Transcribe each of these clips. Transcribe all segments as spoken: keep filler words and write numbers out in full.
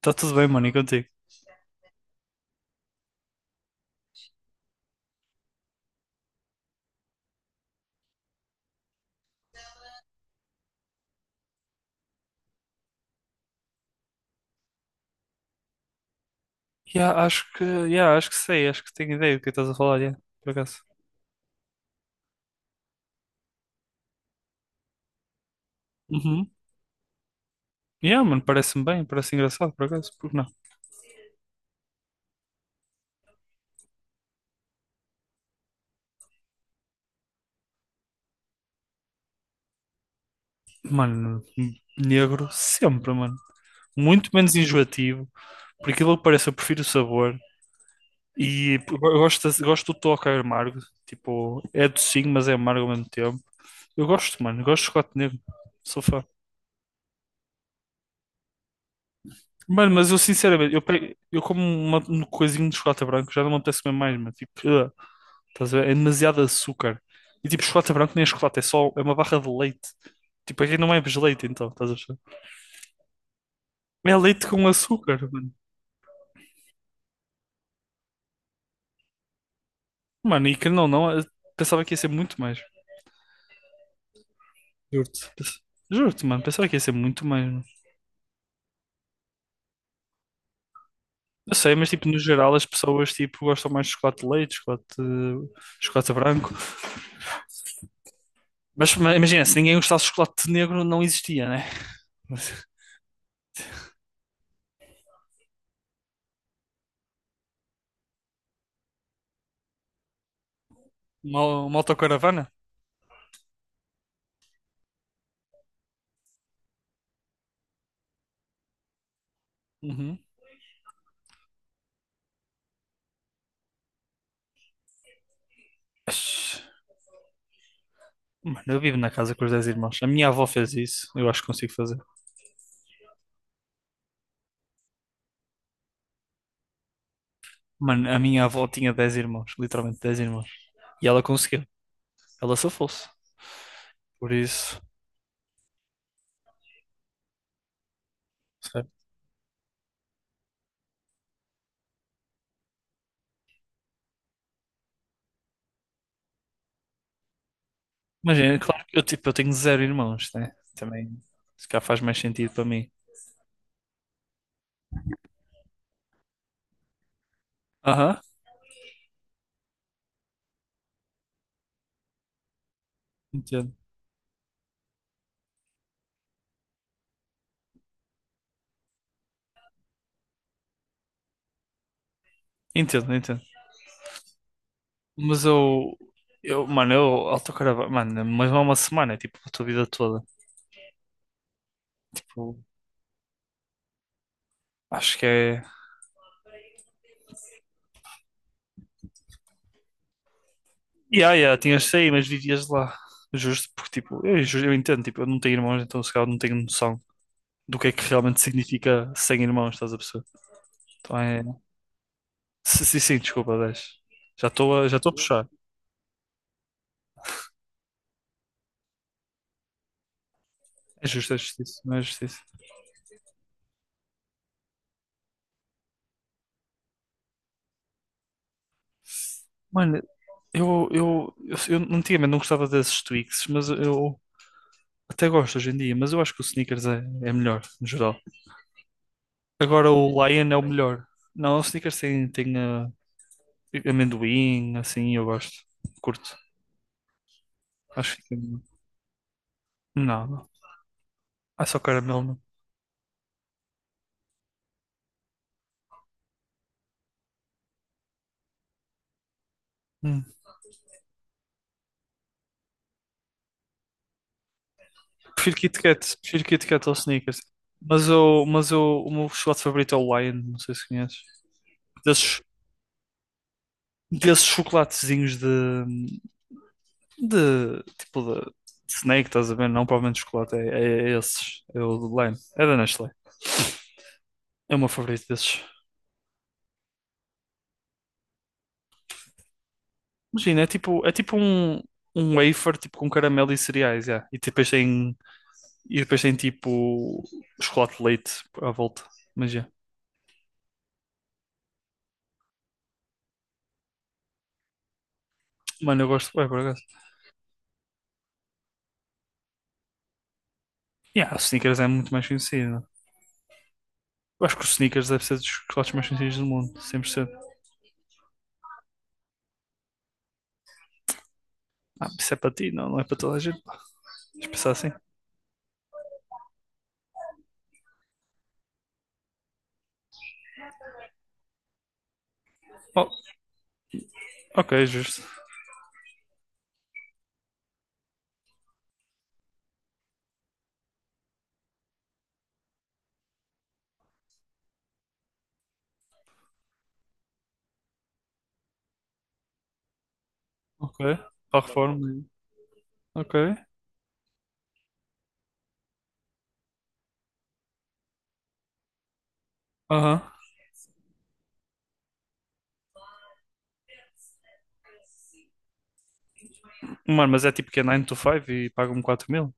Tá tudo bem, mano, e contigo? Yeah, acho que, yeah, acho que sei, acho que tenho ideia do que estás a falar, yeah, por acaso. Uhum. Yeah, mano, parece-me bem, parece engraçado, por acaso, porque não? Mano, negro sempre, mano. Muito menos enjoativo, por aquilo que parece, eu prefiro o sabor. E eu gosto, de- gosto do toque amargo, tipo, é docinho, mas é amargo ao mesmo tempo. Eu gosto, mano, gosto de chocolate negro, sou fã. Mano, mas eu sinceramente, eu, pe- eu como uma, um coisinho de chocolate branco, já não me apetece comer mais, mano, tipo, ugh. Estás a ver? É demasiado açúcar. E tipo, chocolate branco nem é chocolate, é só é uma barra de leite. Tipo, aqui não é leite, então, estás a ver? É leite com açúcar, mano. Mano, e que não, não, eu pensava que ia ser muito mais. Juro-te. Pens- Juro-te, mano, pensava que ia ser muito mais, mano. Eu sei, mas tipo, no geral as pessoas tipo, gostam mais de chocolate de leite, chocolate, chocolate branco. Mas ma- imagina, se ninguém gostasse de chocolate negro, não existia, né? Uma, uma autocaravana? Uhum. Mas, mano, eu vivo na casa com os dez irmãos. A minha avó fez isso, eu acho que consigo fazer. Mano, a minha avó tinha dez irmãos, literalmente dez irmãos. E ela conseguiu, ela só fosse. Por isso, sabe? Imagina, claro que eu, tipo, eu tenho zero irmãos, né? Também, se calhar faz mais sentido para mim. Aham, entendo, entendo, entendo. Mas eu, eu, mano, eu autocaravana, mano, mas não é uma semana, é tipo a tua vida toda. Tipo, acho que é. Yeah, yeah, tinhas de sair, mas vivias lá. Justo, porque tipo, eu, ju- eu entendo, tipo, eu não tenho irmãos, então se calhar não tenho noção do que é que realmente significa sem irmãos, estás a perceber? Então é. Sim, sim, sim, desculpa, dez. Já estou a, já estou a puxar. É justo, é justiça, não é justiça. Mano, eu, eu, eu, eu antigamente não gostava desses Twix, mas eu até gosto hoje em dia, mas eu acho que o Snickers é, é melhor, no geral. Agora o Lion é o melhor. Não, o Snickers tem, tem ah, amendoim, assim, eu gosto. Curto. Acho que fica melhor. Não, não. Ah, só caramelo, não. Hum. Prefiro Kit Kat, prefiro Kit Kat ao Snickers. Mas, eu, mas eu, o meu chocolate favorito é o Lion, não sei se conheces. Desses desses chocolatezinhos de, de tipo de Snake, estás a ver? Não, provavelmente chocolate, é, é, é esses, é o de Lime, é da Nestlé, é o meu favorito desses. Imagina, é tipo, é tipo um, um wafer tipo com caramelo e cereais, yeah. E depois tem, e depois tem tipo chocolate de leite à volta, mas yeah. Mano, eu gosto, é por acaso. Yeah, o Snickers é muito mais conhecido. Eu acho que o Snickers deve ser dos chocolates mais conhecidos do mundo, cem por cento. Ah, isso é para ti, não, não é para toda a gente. Deixa eu pensar assim. Oh, ok, justo. Ok. Para a reforma. Ok. Aham. Mano, mas é tipo que é nove to cinco e pagam-me quatro mil?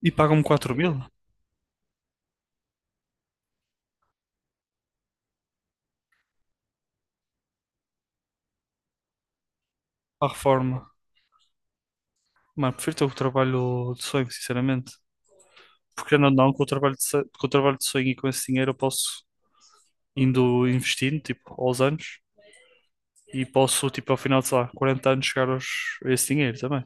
E pagam-me quatro mil? Para a reforma. Mano, prefiro ter o trabalho de sonho, sinceramente. Porque não, não, com o trabalho de, so- com o trabalho de sonho e com esse dinheiro eu posso indo investindo, tipo, aos anos. E posso, tipo, ao final de, sei lá, quarenta anos chegar aos, a esse dinheiro também.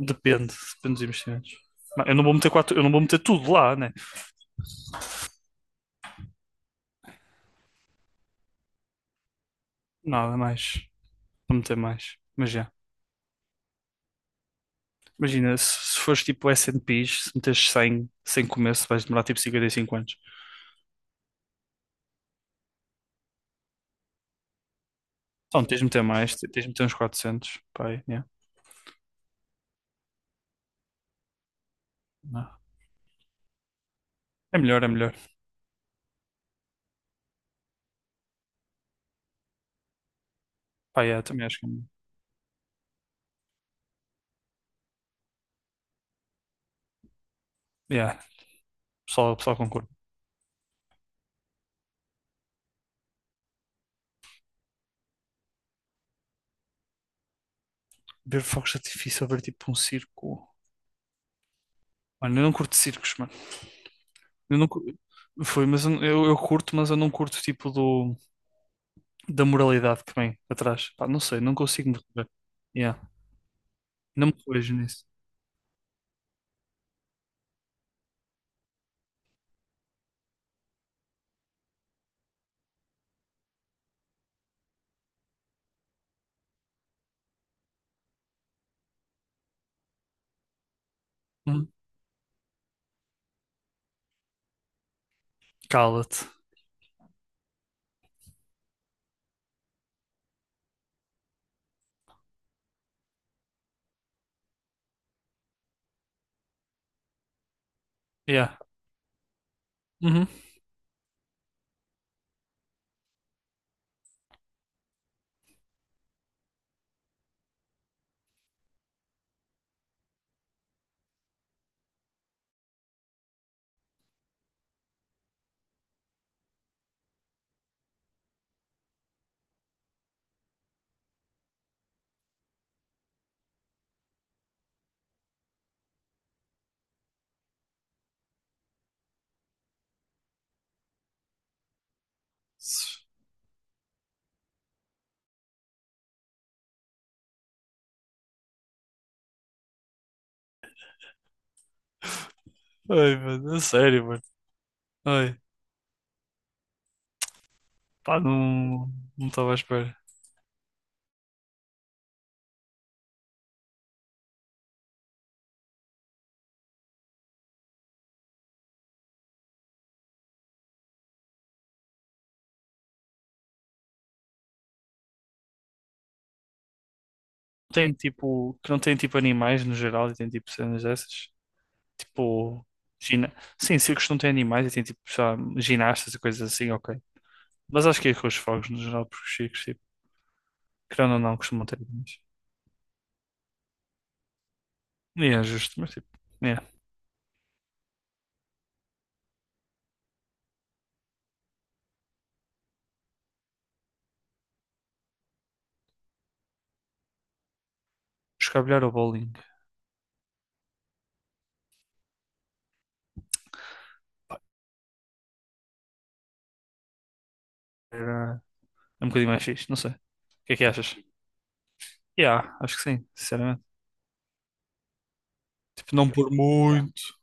Depende, depende dos investimentos. Mas eu não vou meter quatro, eu não vou meter tudo lá, né? Nada mais. Vou meter mais. Mas já. Imagina, se, se fores tipo S&Ps, se meteres cem sem começo, vais demorar tipo cinquenta e cinco anos. Então, tens de meter mais, te- tens de meter uns quatrocentos. Pá, aí, yeah. Não. É melhor, é melhor. Pá, yeah, também acho que é melhor. Yeah, pessoal, pessoal concorda. Ver fogos de artifício ou ver tipo um circo. Mano, eu não curto circos, mano. Eu não, cu- foi, mas eu, eu eu curto, mas eu não curto tipo do, da moralidade que vem atrás. Pá, não sei, não consigo me rever. Yeah. Não me vejo nisso. Hum, Cala-te. Yeah. Uhum. Ai, mano, é sério, mano. Ai, pá, não, não estava à espera. Tem tipo, que não tem tipo animais no geral e tem tipo cenas dessas. Tipo, gina... Sim, circos não têm animais e tem tipo, sei lá, ginastas e coisas assim, ok. Mas acho que é com os fogos no geral, porque os circos, tipo, querendo ou não, costumam ter animais. E é justo, mas tipo, é. Escabilhar ou bowling era é um bocadinho mais fixe, não sei. O que é que achas? Yeah, acho que sim, sinceramente. Tipo, não por muito.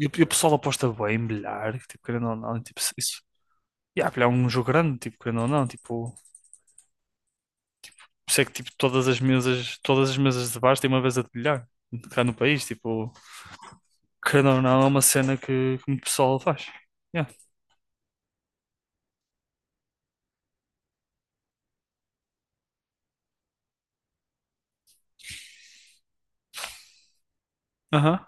E o e o pessoal aposta bem, bilhar, que tipo, querendo ou não, e, tipo. se- E há, filho, é um jogo grande, tipo, querendo ou não, tipo, por isso é que tipo, todas as mesas, todas as mesas de bares têm uma mesa de bilhar cá no país, tipo, querendo ou não, é uma cena que, que muito pessoal faz. Yeah. Aham.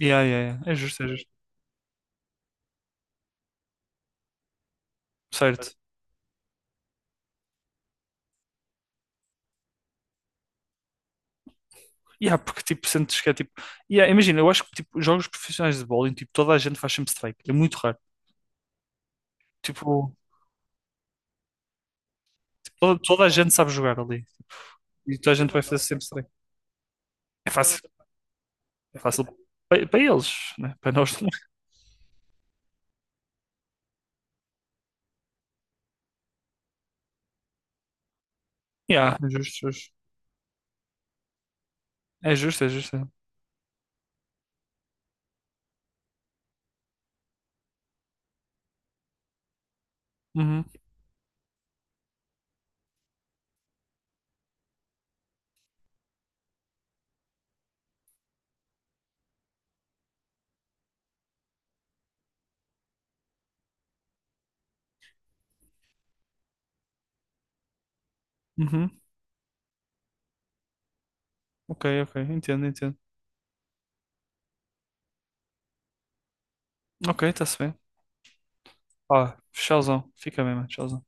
Yeah, yeah, yeah. É justo, é justo. Certo. Yeah, porque tipo, sentes que é tipo. Yeah, imagina, eu acho que tipo, jogos profissionais de bowling, tipo, toda a gente faz sempre strike. É muito raro. Tipo, toda, toda a gente sabe jogar ali. E toda a gente vai fazer sempre strike. É fácil. É fácil para, para eles, né? Para nós também. Yeah, é justo, é justo. É justo, é justo. É. Uhum. Uhum. Ok, ok. Entendo, entendo. Ok, está-se bem. Pá, tchauzão. Fica bem, mano. Tchauzão.